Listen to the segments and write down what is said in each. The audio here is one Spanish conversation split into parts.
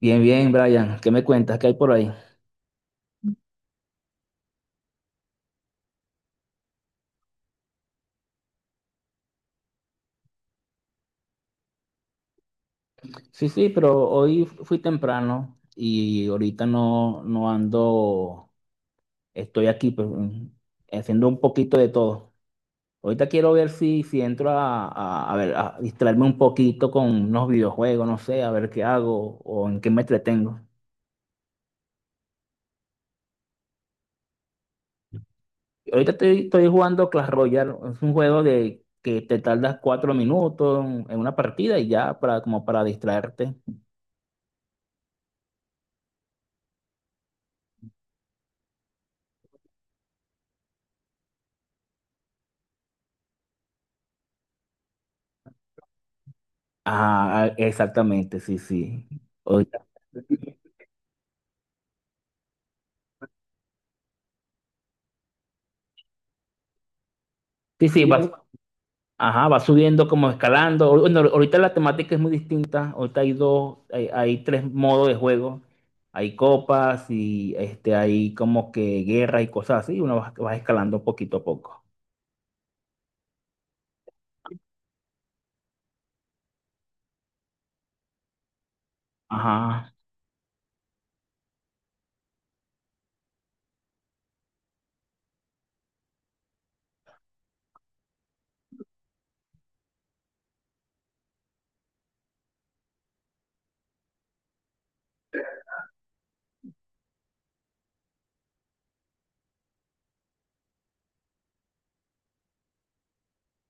Bien, bien, Brian, ¿qué me cuentas? ¿Qué hay por ahí? Sí, sí, pero hoy fui temprano y ahorita no, no ando, estoy aquí pues, haciendo un poquito de todo. Ahorita quiero ver si entro a a distraerme un poquito con unos videojuegos, no sé, a ver qué hago o en qué me entretengo. Ahorita estoy jugando Clash Royale. Es un juego de que te tardas 4 minutos en una partida y ya, para como para distraerte. Ah, exactamente, sí, sí. Sí, sí, y ajá, va subiendo como escalando. Bueno, ahorita la temática es muy distinta. Ahorita hay tres modos de juego. Hay copas y este, hay como que guerra y cosas así. Uno va escalando poquito a poco. Ajá.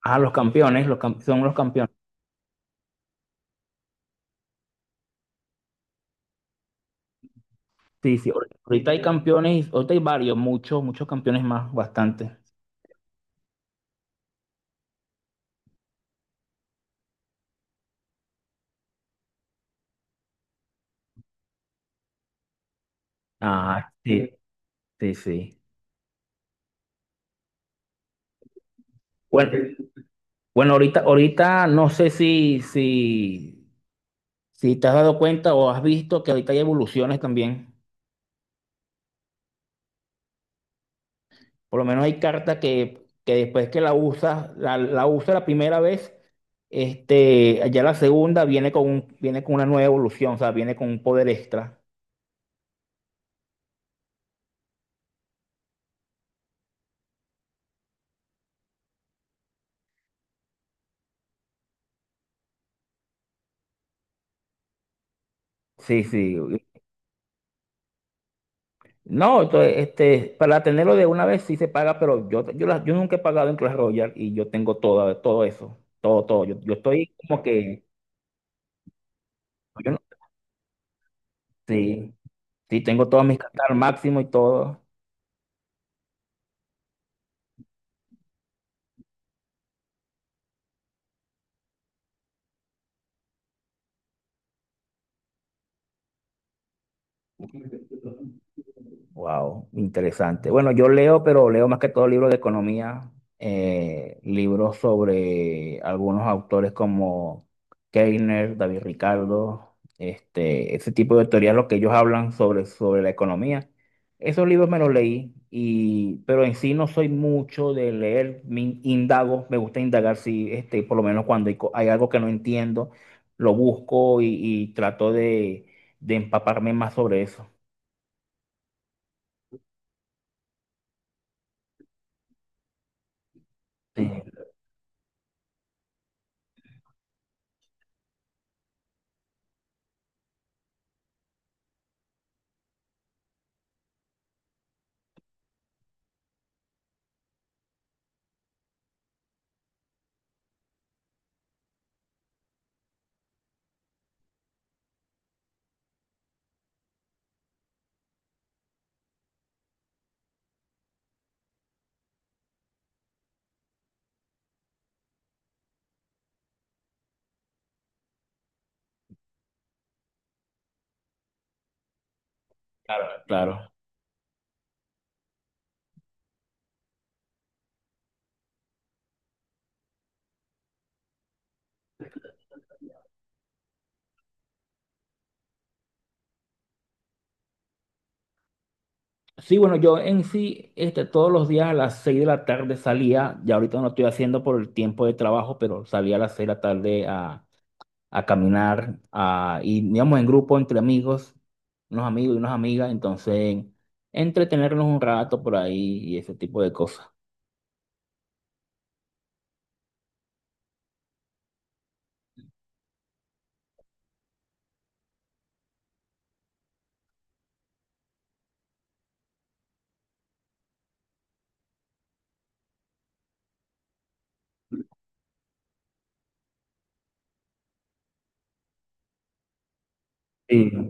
Ah, los campeones, son los campeones. Sí, sí. Ahorita hay campeones, ahorita hay varios, muchos campeones más, bastante. Ah, sí, sí, sí. Bueno, bueno, ahorita no sé si si te has dado cuenta o has visto que ahorita hay evoluciones también, por lo menos hay cartas que después que la usas, la usas la primera vez, este, ya la segunda viene con un, viene con una nueva evolución, o sea, viene con un poder extra. Sí, sí. No, entonces, este, para tenerlo de una vez sí se paga, pero yo nunca he pagado en Clash Royale y yo tengo todo, todo eso, todo, todo. Yo estoy como que, yo no- sí, sí, tengo todas mis cartas al máximo y todo. Wow, interesante. Bueno, yo leo, pero leo más que todo libros de economía, libros sobre algunos autores como Keiner, David Ricardo, este, ese tipo de teorías, lo que ellos hablan sobre, sobre la economía. Esos libros me los leí, y, pero en sí no soy mucho de leer, indago, me gusta indagar si, este, por lo menos cuando hay algo que no entiendo, lo busco y trato de empaparme más sobre eso. Sí, claro, claro. Sí, bueno, yo en sí, este, todos los días a las 6 de la tarde salía, ya ahorita no lo estoy haciendo por el tiempo de trabajo, pero salía a las 6 de la tarde a caminar, a, y íbamos en grupo entre amigos, unos amigos y unas amigas, entonces entretenernos un rato por ahí y ese tipo de cosas. Sí.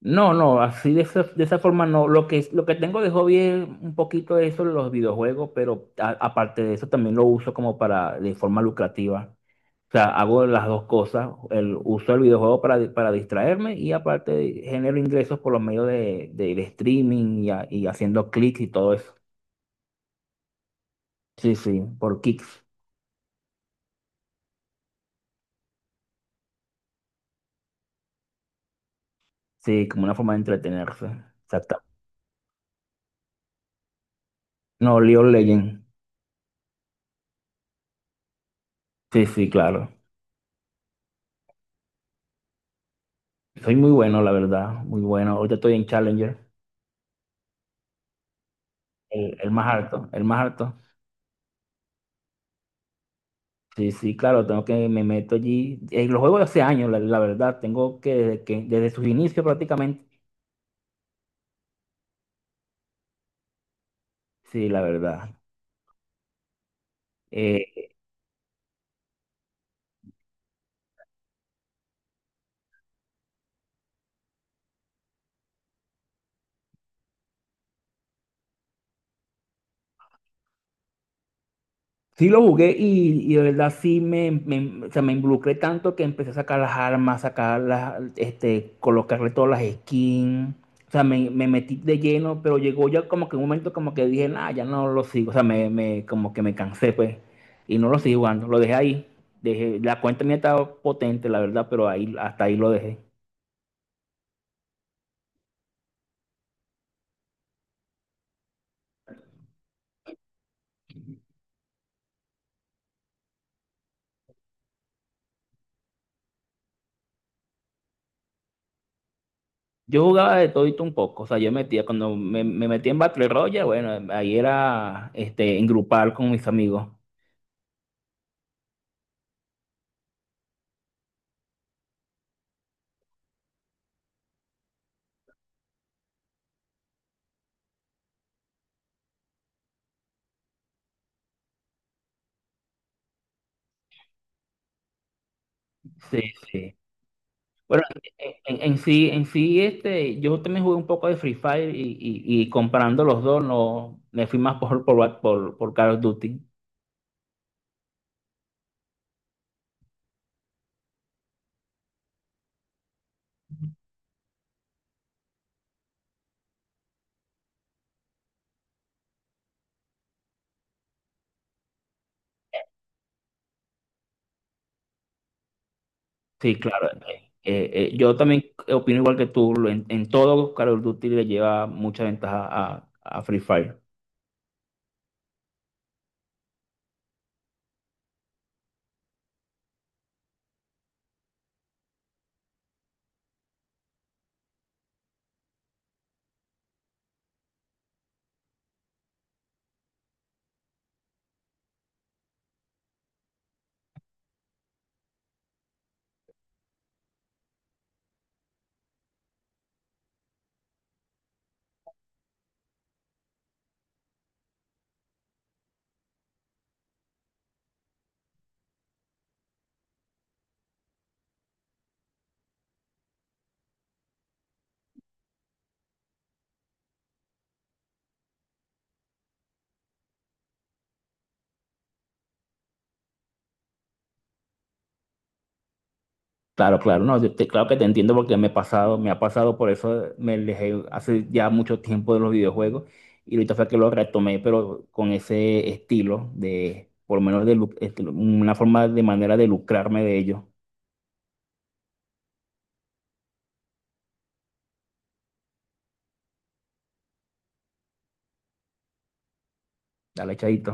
No, no, así de esa forma no. Lo que tengo de hobby es un poquito de eso, los videojuegos, pero aparte de eso también lo uso como para, de forma lucrativa. O sea, hago las dos cosas, el, uso el videojuego para distraerme y aparte genero ingresos por los medios de streaming y, y haciendo clics y todo eso. Sí, sí, por kicks. Sí, como una forma de entretenerse. Exacto. No, League of Legends. Sí, sí, claro. Soy muy bueno, la verdad, muy bueno. Ahorita estoy en Challenger, el más alto, el más alto. Sí, sí, claro, tengo que me meto allí. Los juegos de hace años, la verdad, tengo que desde sus inicios prácticamente. Sí, la verdad. Eh, Sí lo jugué y de verdad sí o sea, me involucré tanto que empecé a sacar las armas, sacar las, este, colocarle todas las skins. O sea, me metí de lleno, pero llegó ya como que un momento como que dije, nah, ya no lo sigo. O sea, como que me cansé, pues. Y no lo sigo jugando, lo dejé ahí. Dejé, la cuenta mía estaba potente, la verdad, pero ahí, hasta ahí lo dejé. Yo jugaba de todito un poco, o sea, yo metía, cuando me metía en Battle Royale, bueno, ahí era, este, en grupal con mis amigos. Sí, sí. Bueno, en sí, este, yo también jugué un poco de Free Fire y, y comparando los dos, no, me fui más por Call of Duty. Sí, claro. Yo también opino igual que tú, en todo Call of Duty le lleva mucha ventaja a Free Fire. Claro, claro, no, claro que te entiendo porque me he pasado, me ha pasado, por eso me alejé hace ya mucho tiempo de los videojuegos y ahorita fue que lo retomé, pero con ese estilo de, por lo menos de, este, una forma de manera de lucrarme de ello. Dale, chadito.